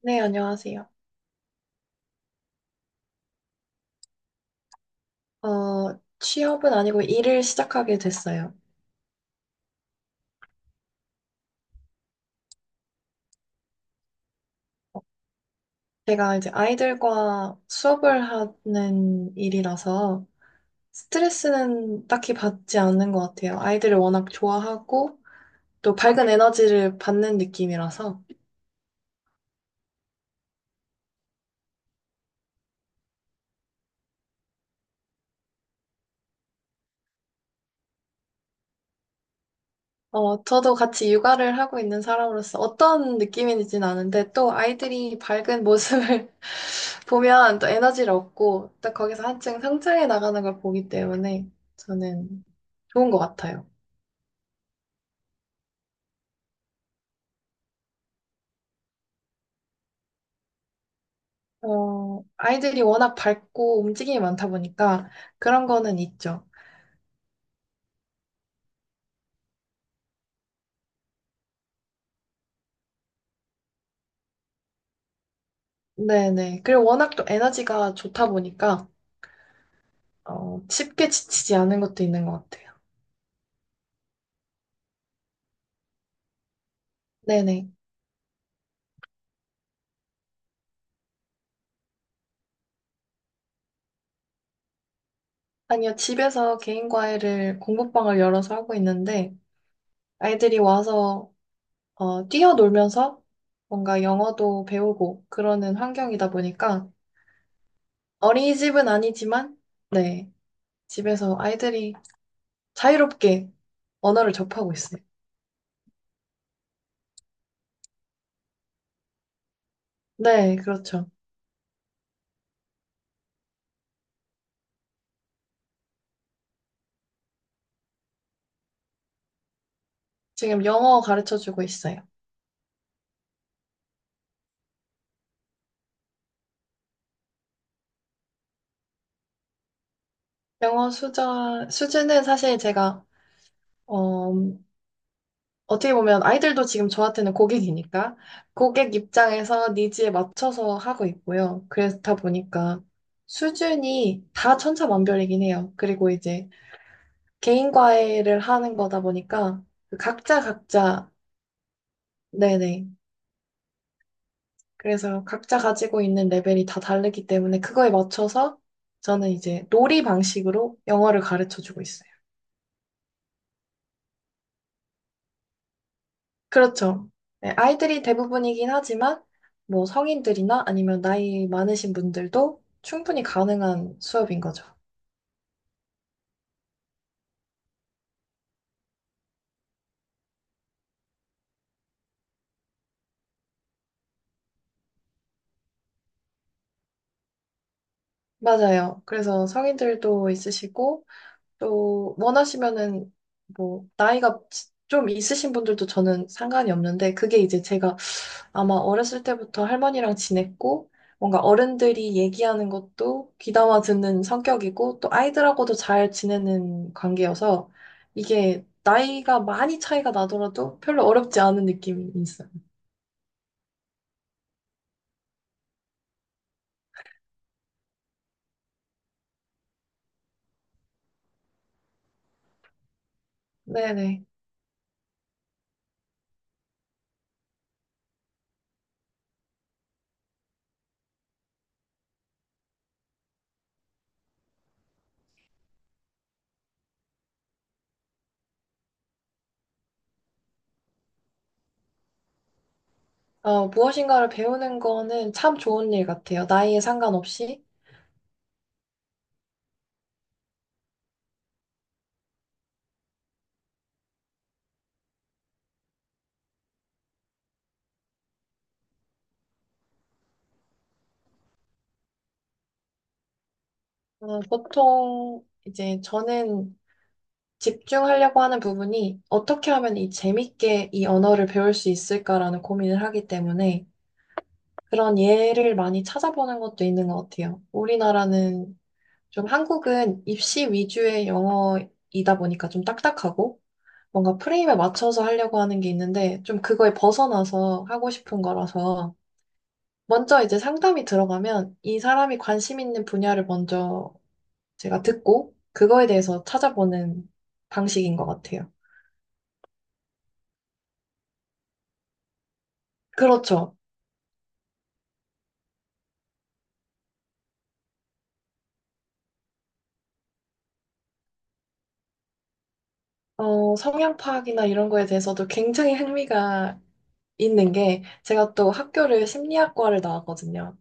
네, 안녕하세요. 취업은 아니고 일을 시작하게 됐어요. 제가 이제 아이들과 수업을 하는 일이라서 스트레스는 딱히 받지 않는 것 같아요. 아이들을 워낙 좋아하고 또 밝은 에너지를 받는 느낌이라서 저도 같이 육아를 하고 있는 사람으로서 어떤 느낌인지는 아는데 또 아이들이 밝은 모습을 보면 또 에너지를 얻고 또 거기서 한층 성장해 나가는 걸 보기 때문에 저는 좋은 것 같아요. 아이들이 워낙 밝고 움직임이 많다 보니까 그런 거는 있죠. 네네. 그리고 워낙 또 에너지가 좋다 보니까 쉽게 지치지 않은 것도 있는 것 같아요. 네네. 아니요, 집에서 개인 과외를 공부방을 열어서 하고 있는데 아이들이 와서 뛰어놀면서 뭔가 영어도 배우고 그러는 환경이다 보니까 어린이집은 아니지만 네, 집에서 아이들이 자유롭게 언어를 접하고 있어요. 네, 그렇죠. 지금 영어 가르쳐 주고 있어요. 수준은 사실 제가, 어, 어떻게 보면 아이들도 지금 저한테는 고객이니까 고객 입장에서 니즈에 맞춰서 하고 있고요. 그렇다 보니까 수준이 다 천차만별이긴 해요. 그리고 이제 개인 과외를 하는 거다 보니까 그 각자, 네네. 그래서 각자 가지고 있는 레벨이 다 다르기 때문에 그거에 맞춰서 저는 이제 놀이 방식으로 영어를 가르쳐 주고 있어요. 그렇죠. 네, 아이들이 대부분이긴 하지만, 뭐 성인들이나 아니면 나이 많으신 분들도 충분히 가능한 수업인 거죠. 맞아요. 그래서 성인들도 있으시고, 또 원하시면은, 뭐, 나이가 지- 좀 있으신 분들도 저는 상관이 없는데, 그게 이제 제가 아마 어렸을 때부터 할머니랑 지냈고, 뭔가 어른들이 얘기하는 것도 귀담아 듣는 성격이고, 또 아이들하고도 잘 지내는 관계여서, 이게 나이가 많이 차이가 나더라도 별로 어렵지 않은 느낌이 있어요. 네네. 무엇인가를 배우는 거는 참 좋은 일 같아요. 나이에 상관없이. 보통 이제 저는 집중하려고 하는 부분이 어떻게 하면 이 재밌게 이 언어를 배울 수 있을까라는 고민을 하기 때문에, 그런 예를 많이 찾아보는 것도 있는 것 같아요. 우리나라는 좀 한국은 입시 위주의 영어이다 보니까 좀 딱딱하고 뭔가 프레임에 맞춰서 하려고 하는 게 있는데 좀 그거에 벗어나서 하고 싶은 거라서 먼저 이제 상담이 들어가면 이 사람이 관심 있는 분야를 먼저 제가 듣고 그거에 대해서 찾아보는 방식인 것 같아요. 그렇죠. 성향 파악이나 이런 거에 대해서도 굉장히 흥미가 있는 게 제가 또 학교를 심리학과를 나왔거든요.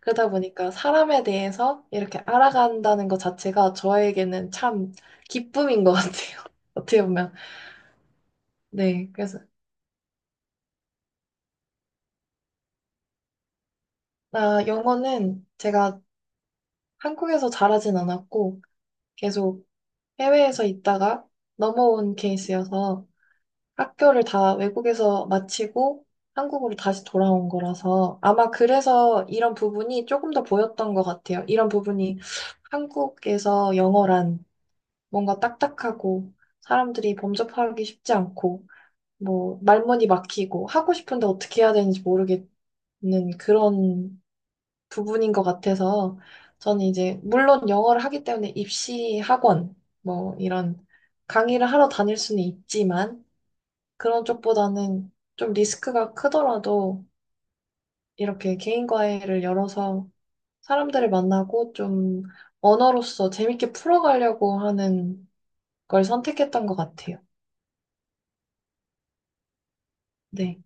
그러다 보니까 사람에 대해서 이렇게 알아간다는 것 자체가 저에게는 참 기쁨인 것 같아요. 어떻게 보면. 네. 그래서, 아, 영어는 제가 한국에서 잘하진 않았고 계속 해외에서 있다가 넘어온 케이스여서 학교를 다 외국에서 마치고 한국으로 다시 돌아온 거라서 아마 그래서 이런 부분이 조금 더 보였던 것 같아요. 이런 부분이 한국에서 영어란 뭔가 딱딱하고 사람들이 범접하기 쉽지 않고 뭐 말문이 막히고 하고 싶은데 어떻게 해야 되는지 모르겠는 그런 부분인 것 같아서 저는 이제 물론 영어를 하기 때문에 입시 학원 뭐 이런 강의를 하러 다닐 수는 있지만 그런 쪽보다는 좀 리스크가 크더라도 이렇게 개인 과외를 열어서 사람들을 만나고 좀 언어로서 재밌게 풀어가려고 하는 걸 선택했던 것 같아요. 네.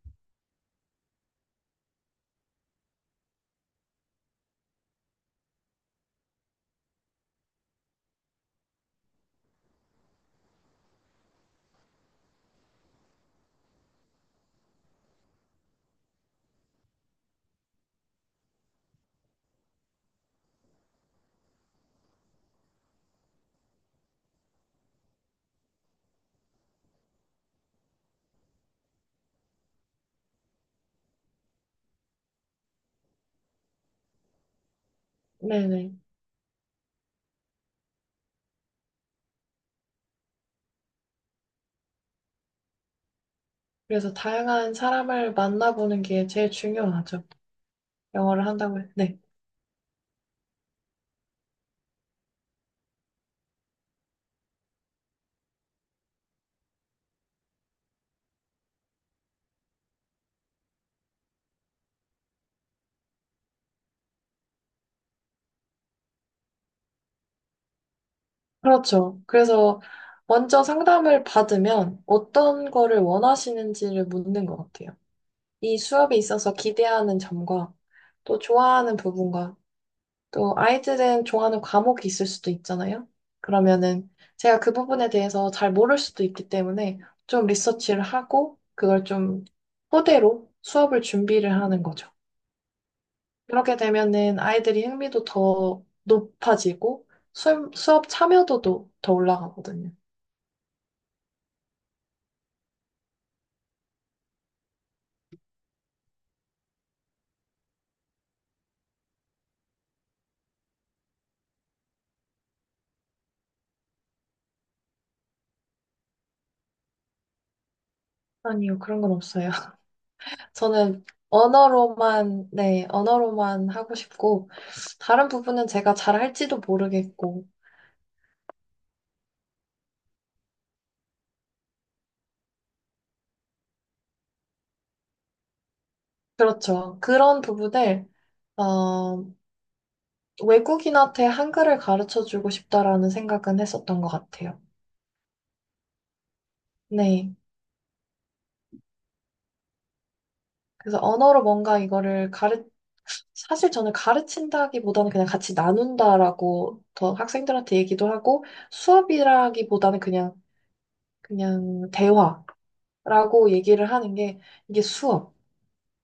네네. 그래서 다양한 사람을 만나보는 게 제일 중요하죠. 영어를 한다고. 네. 그렇죠. 그래서 먼저 상담을 받으면 어떤 거를 원하시는지를 묻는 것 같아요. 이 수업에 있어서 기대하는 점과 또 좋아하는 부분과 또 아이들은 좋아하는 과목이 있을 수도 있잖아요. 그러면은 제가 그 부분에 대해서 잘 모를 수도 있기 때문에 좀 리서치를 하고 그걸 좀 토대로 수업을 준비를 하는 거죠. 그렇게 되면은 아이들이 흥미도 더 높아지고 수업 참여도도 더 올라가거든요. 아니요, 그런 건 없어요. 저는 언어로만, 네, 언어로만 하고 싶고, 다른 부분은 제가 잘 할지도 모르겠고, 그렇죠. 그런 부분을 어, 외국인한테 한글을 가르쳐 주고 싶다라는 생각은 했었던 것 같아요. 네. 그래서 언어로 뭔가 사실 저는 가르친다기보다는 그냥 같이 나눈다라고 더 학생들한테 얘기도 하고 수업이라기보다는 그냥, 그냥 대화라고 얘기를 하는 게 이게 수업,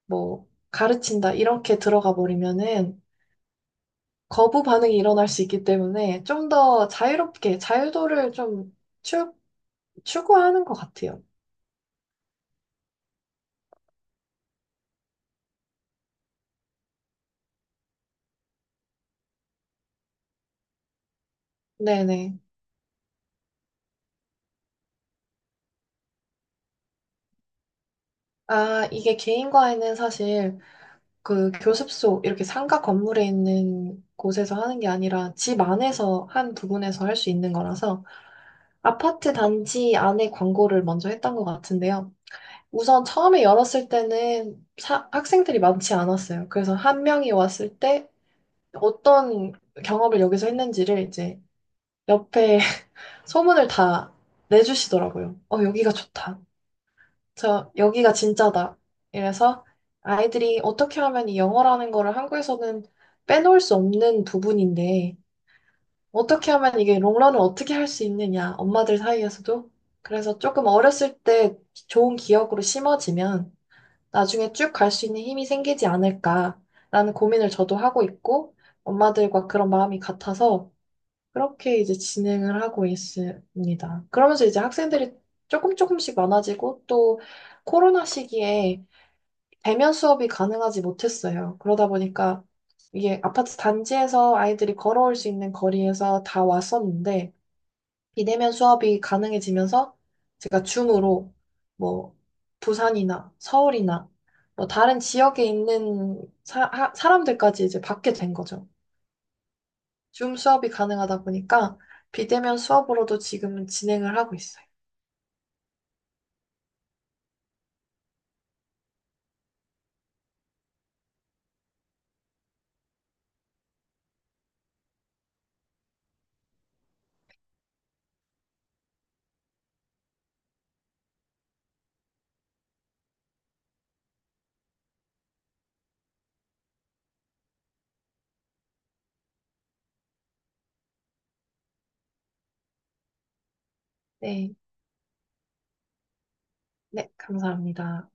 뭐, 가르친다 이렇게 들어가 버리면은 거부 반응이 일어날 수 있기 때문에 좀 더 자유롭게 자유도를 좀 추, 추구하는 것 같아요. 네네. 아, 이게 개인과에는 사실 그 교습소 이렇게 상가 건물에 있는 곳에서 하는 게 아니라 집 안에서 한 부분에서 할 수 있는 거라서 아파트 단지 안에 광고를 먼저 했던 것 같은데요. 우선 처음에 열었을 때는 학생들이 많지 않았어요. 그래서 한 명이 왔을 때 어떤 경험을 여기서 했는지를 이제 옆에 소문을 다 내주시더라고요. 어, 여기가 좋다. 저, 여기가 진짜다. 이래서 아이들이 어떻게 하면 이 영어라는 거를 한국에서는 빼놓을 수 없는 부분인데, 어떻게 하면 이게 롱런을 어떻게 할 수 있느냐, 엄마들 사이에서도. 그래서 조금 어렸을 때 좋은 기억으로 심어지면 나중에 쭉 갈 수 있는 힘이 생기지 않을까라는 고민을 저도 하고 있고, 엄마들과 그런 마음이 같아서 그렇게 이제 진행을 하고 있습니다. 그러면서 이제 학생들이 조금 조금씩 많아지고 또 코로나 시기에 대면 수업이 가능하지 못했어요. 그러다 보니까 이게 아파트 단지에서 아이들이 걸어올 수 있는 거리에서 다 왔었는데 비대면 수업이 가능해지면서 제가 줌으로 뭐 부산이나 서울이나 뭐 다른 지역에 있는 사람들까지 이제 받게 된 거죠. 줌 수업이 가능하다 보니까 비대면 수업으로도 지금은 진행을 하고 있어요. 네, 네, 감사합니다.